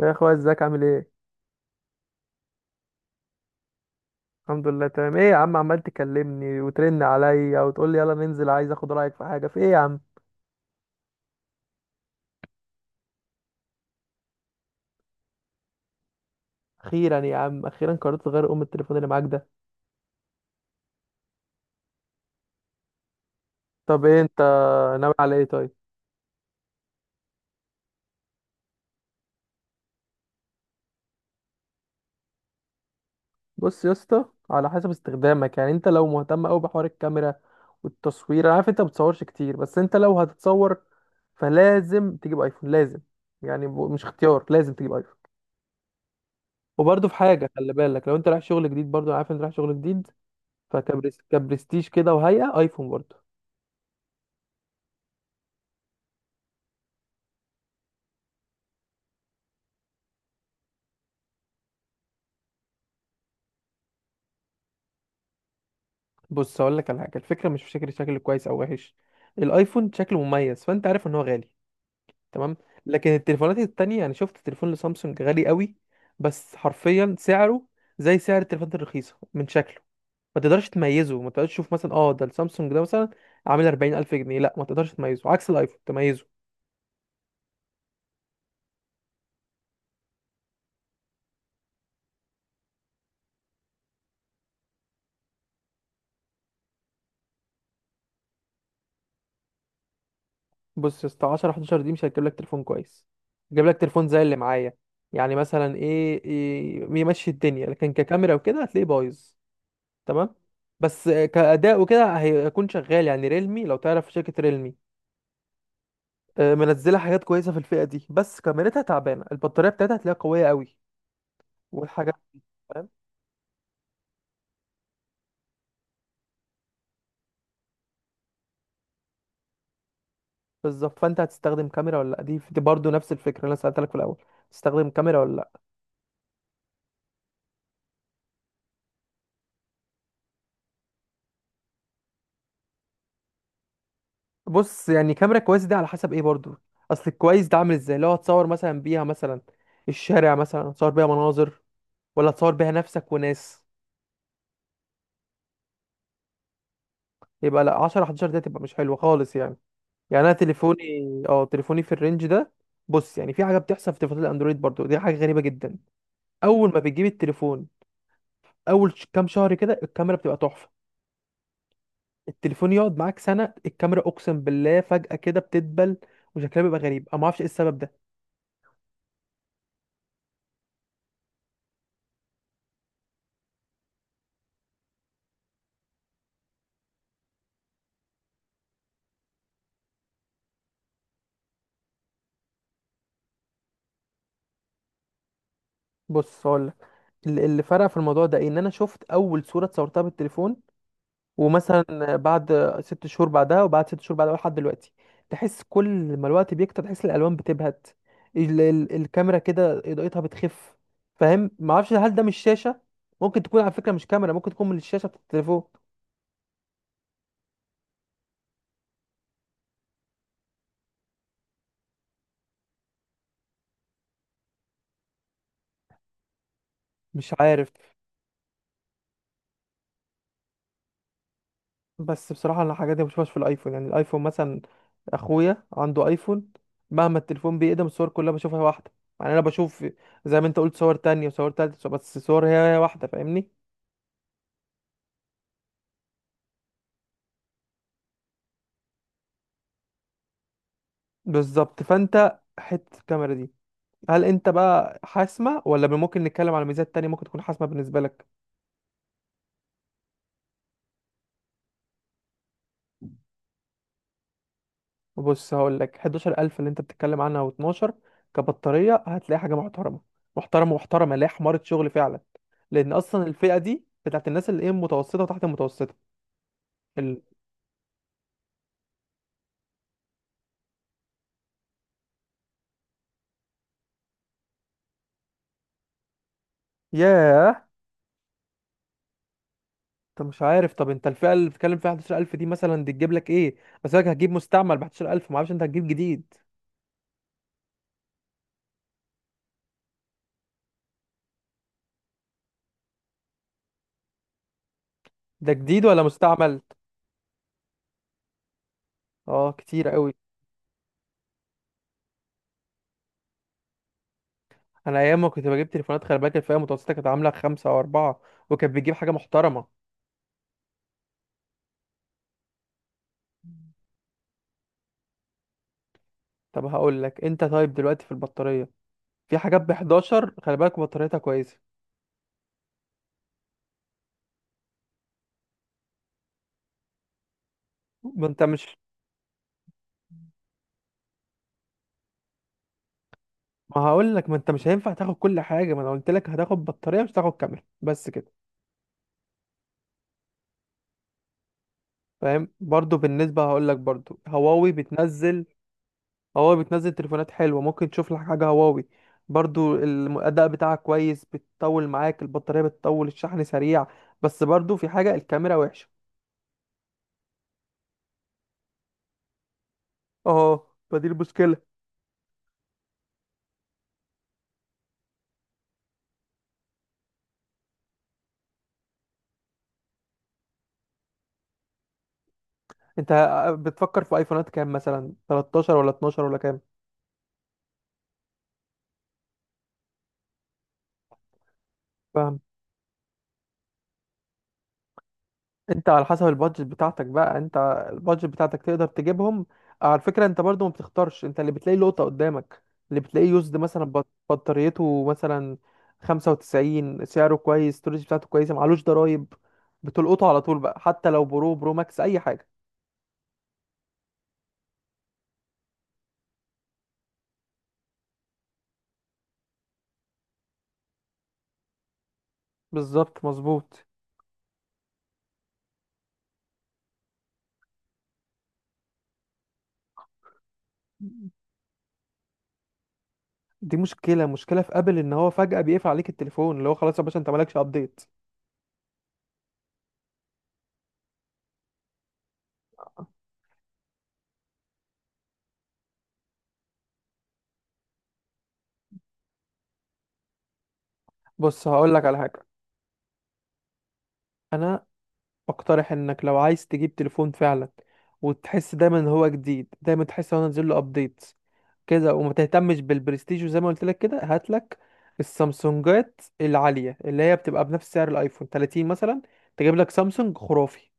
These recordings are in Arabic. يا اخويا، ازيك؟ عامل ايه؟ الحمد لله تمام. ايه يا عم، عمال تكلمني وترن عليا وتقول لي يلا ننزل. عايز اخد رايك في حاجه؟ في ايه يا عم؟ اخيرا يا عم، اخيرا قررت تغير ام التليفون اللي معاك ده. طب ايه انت ناوي على ايه طيب؟ بص يا اسطى، على حسب استخدامك. يعني انت لو مهتم قوي بحوار الكاميرا والتصوير، انا عارف انت ما بتصورش كتير، بس انت لو هتتصور فلازم تجيب ايفون، لازم. يعني مش اختيار، لازم تجيب ايفون. وبرضه في حاجه، خلي بالك، لو انت رايح شغل جديد، برضه انا عارف انت رايح شغل جديد، فكبرس كبرستيج كده وهيئة ايفون برضه. بص هقول لك على حاجة، الفكرة مش في شكل كويس او وحش، الايفون شكله مميز. فانت عارف ان هو غالي، تمام؟ لكن التليفونات التانية، انا شفت تليفون لسامسونج غالي قوي، بس حرفيا سعره زي سعر التليفونات الرخيصة. من شكله ما تقدرش تميزه، ما تقدرش تشوف مثلا اه ده السامسونج ده، مثلا عامل 40,000 جنيه، لا ما تقدرش تميزه. عكس الايفون تميزه. بص يا اسطى، 10 11 دي مش هتجيب لك تليفون كويس، هتجيب لك تليفون زي اللي معايا. يعني مثلا إيه، يمشي الدنيا، لكن ككاميرا وكده هتلاقيه بايظ، تمام؟ بس آه، كأداء وكده هيكون شغال. يعني ريلمي، لو تعرف شركة ريلمي، آه، منزلة حاجات كويسة في الفئة دي، بس كاميرتها تعبانة. البطارية بتاعتها هتلاقيها قوية قوي والحاجات، فاهم؟ بالظبط. فانت هتستخدم كاميرا ولا لأ؟ دي برضه نفس الفكرة اللي انا سألتلك في الأول، تستخدم كاميرا ولا لأ؟ بص، يعني كاميرا كويس دي على حسب ايه برضو. اصل الكويس ده عامل ازاي؟ لو هتصور مثلا بيها مثلا الشارع، مثلا هتصور بيها مناظر، ولا هتصور بيها نفسك وناس؟ يبقى لا، 10 11 ده تبقى مش حلوه خالص. يعني يعني انا تليفوني، اه تليفوني في الرينج ده. بص، يعني في حاجه بتحصل في تليفونات الاندرويد برضو، دي حاجه غريبه جدا. اول ما بتجيب التليفون، اول كام شهر كده الكاميرا بتبقى تحفه. التليفون يقعد معاك سنه، الكاميرا اقسم بالله فجاه كده بتدبل، وشكلها بيبقى غريب. انا ما اعرفش ايه السبب ده. بص هقول لك، اللي فرق في الموضوع ده إيه؟ ان انا شفت اول صوره اتصورتها بالتليفون، ومثلا بعد 6 شهور بعدها، وبعد 6 شهور بعدها لحد دلوقتي، تحس كل ما الوقت بيكتر تحس الالوان بتبهت. ال الكاميرا كده اضاءتها بتخف، فاهم؟ ما اعرفش هل ده مش شاشه؟ ممكن تكون على فكره مش كاميرا، ممكن تكون من الشاشه بتاعت التليفون، مش عارف. بس بصراحة أنا الحاجات دي ما بشوفهاش في الأيفون. يعني الأيفون مثلا أخويا عنده أيفون، مهما التليفون بيقدم الصور كلها بشوفها واحدة. يعني أنا بشوف زي ما أنت قلت صور تانية وصور تالتة، بس الصور هي هي واحدة، فاهمني؟ بالظبط. فأنت حتة الكاميرا دي، هل أنت بقى حاسمة ولا ممكن نتكلم على ميزات تانية ممكن تكون حاسمة بالنسبة لك؟ بص هقول لك، 11,000 اللي أنت بتتكلم عنها و12، كبطارية هتلاقي حاجة محترمة، محترمة محترمة، اللي هي حمارة شغل فعلا، لأن أصلا الفئة دي بتاعت الناس اللي إيه، متوسطة وتحت المتوسطة. ال... ياه! انت مش عارف. طب انت الفئه اللي بتتكلم فيها 11,000 دي، مثلا دي تجيب لك ايه؟ بس لك هتجيب مستعمل ب 11,000، ما اعرفش انت هتجيب جديد. ده جديد ولا مستعمل؟ اه كتير قوي. انا ايام ما كنت بجيب تليفونات، خلي بالك الفئه المتوسطه كانت عامله خمسة او اربعة، وكانت بتجيب حاجه محترمه. طب هقول لك انت، طيب دلوقتي في البطاريه، في حاجات ب 11 خلي بالك بطاريتها كويسه. ما انت مش ما هقول لك، ما انت مش هينفع تاخد كل حاجه. ما انا قلت لك هتاخد بطاريه، مش هتاخد كاميرا، بس كده، فاهم؟ برضو بالنسبة هقول لك، برضو هواوي بتنزل، هواوي بتنزل تليفونات حلوة، ممكن تشوف لك حاجة هواوي. برضو الأداء بتاعها كويس، بتطول معاك البطارية، بتطول، الشحن سريع، بس برضو في حاجة الكاميرا وحشة، اه فدي المشكلة. انت آه، بتفكر في ايفونات كام؟ مثلا 13 ولا 12 ولا كام؟ انت على حسب البادجت بتاعتك بقى. انت البادجت بتاعتك تقدر تجيبهم. على فكرة انت برضو ما بتختارش، انت اللي بتلاقي لقطة قدامك. اللي بتلاقيه يوزد مثلا بطاريته مثلا 95، سعره كويس، الستورج بتاعته كويسة، معلوش ضرايب، بتلقطه على طول بقى، حتى لو برو برو ماكس اي حاجة. بالظبط، مظبوط. دي مشكلة، مشكلة في ابل، ان هو فجأة بيقفل عليك التليفون. اللي هو خلاص يا باشا انت مالكش ابديت. بص هقول لك على حاجة، انا بقترح انك لو عايز تجيب تليفون فعلا، وتحس دايما ان هو جديد، دايما تحس ان هو نازل له ابديتس كده، وما تهتمش بالبرستيج، وزي ما قلت لك كده، هات لك السامسونجات العاليه اللي هي بتبقى بنفس سعر الايفون 30 مثلا، تجيب لك سامسونج خرافي.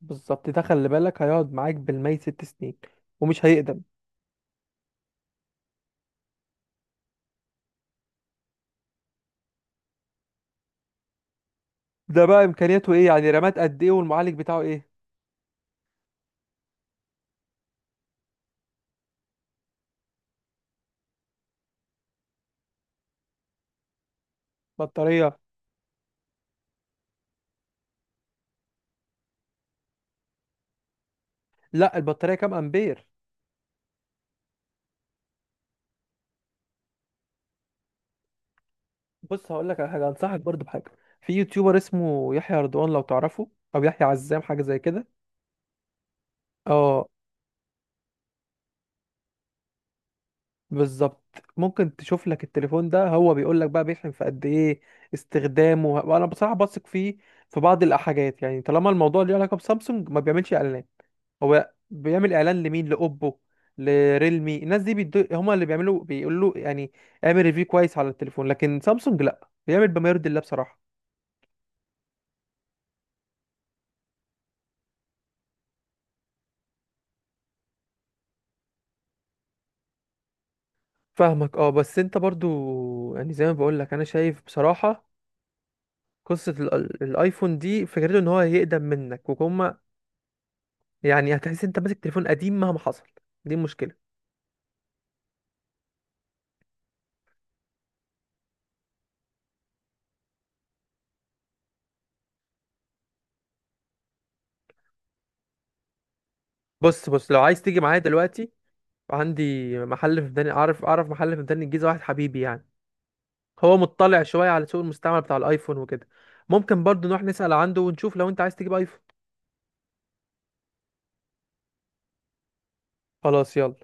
بالظبط، ده خلي بالك هيقعد معاك بالمية 6 سنين، ومش هيقدم. ده بقى امكانياته ايه؟ يعني رامات قد ايه والمعالج بتاعه ايه؟ بطاريه؟ لا، البطاريه كام امبير؟ بص هقول لك على حاجه، انصحك برضو بحاجه، في يوتيوبر اسمه يحيى رضوان، لو تعرفه، او يحيى عزام، حاجه زي كده. اه بالظبط. ممكن تشوف لك التليفون ده، هو بيقول لك بقى بيحلم في قد ايه، استخدامه، وانا بصراحه بثق فيه في بعض الحاجات. يعني طالما الموضوع ليه علاقه بسامسونج، ما بيعملش اعلانات. هو بيعمل اعلان لمين؟ لاوبو، لريلمي، الناس دي هما اللي بيعملوا، بيقولوا يعني اعمل ريفيو كويس على التليفون، لكن سامسونج لا، بيعمل بما يرضي الله بصراحه. فاهمك؟ اه بس انت برضو، يعني زي ما بقولك، انا شايف بصراحة قصة الايفون دي، فكرته ان هو يقدم منك وكما. يعني هتحس انت ماسك تليفون قديم مهما حصل، دي المشكلة. بص لو عايز تيجي معايا دلوقتي، عندي محل في ميدان، اعرف محل في ميدان الجيزة، واحد حبيبي يعني، هو مطلع شوية على سوق المستعمل بتاع الايفون وكده، ممكن برضو نروح نسأل عنده ونشوف، لو انت عايز تجيب ايفون. خلاص يلا.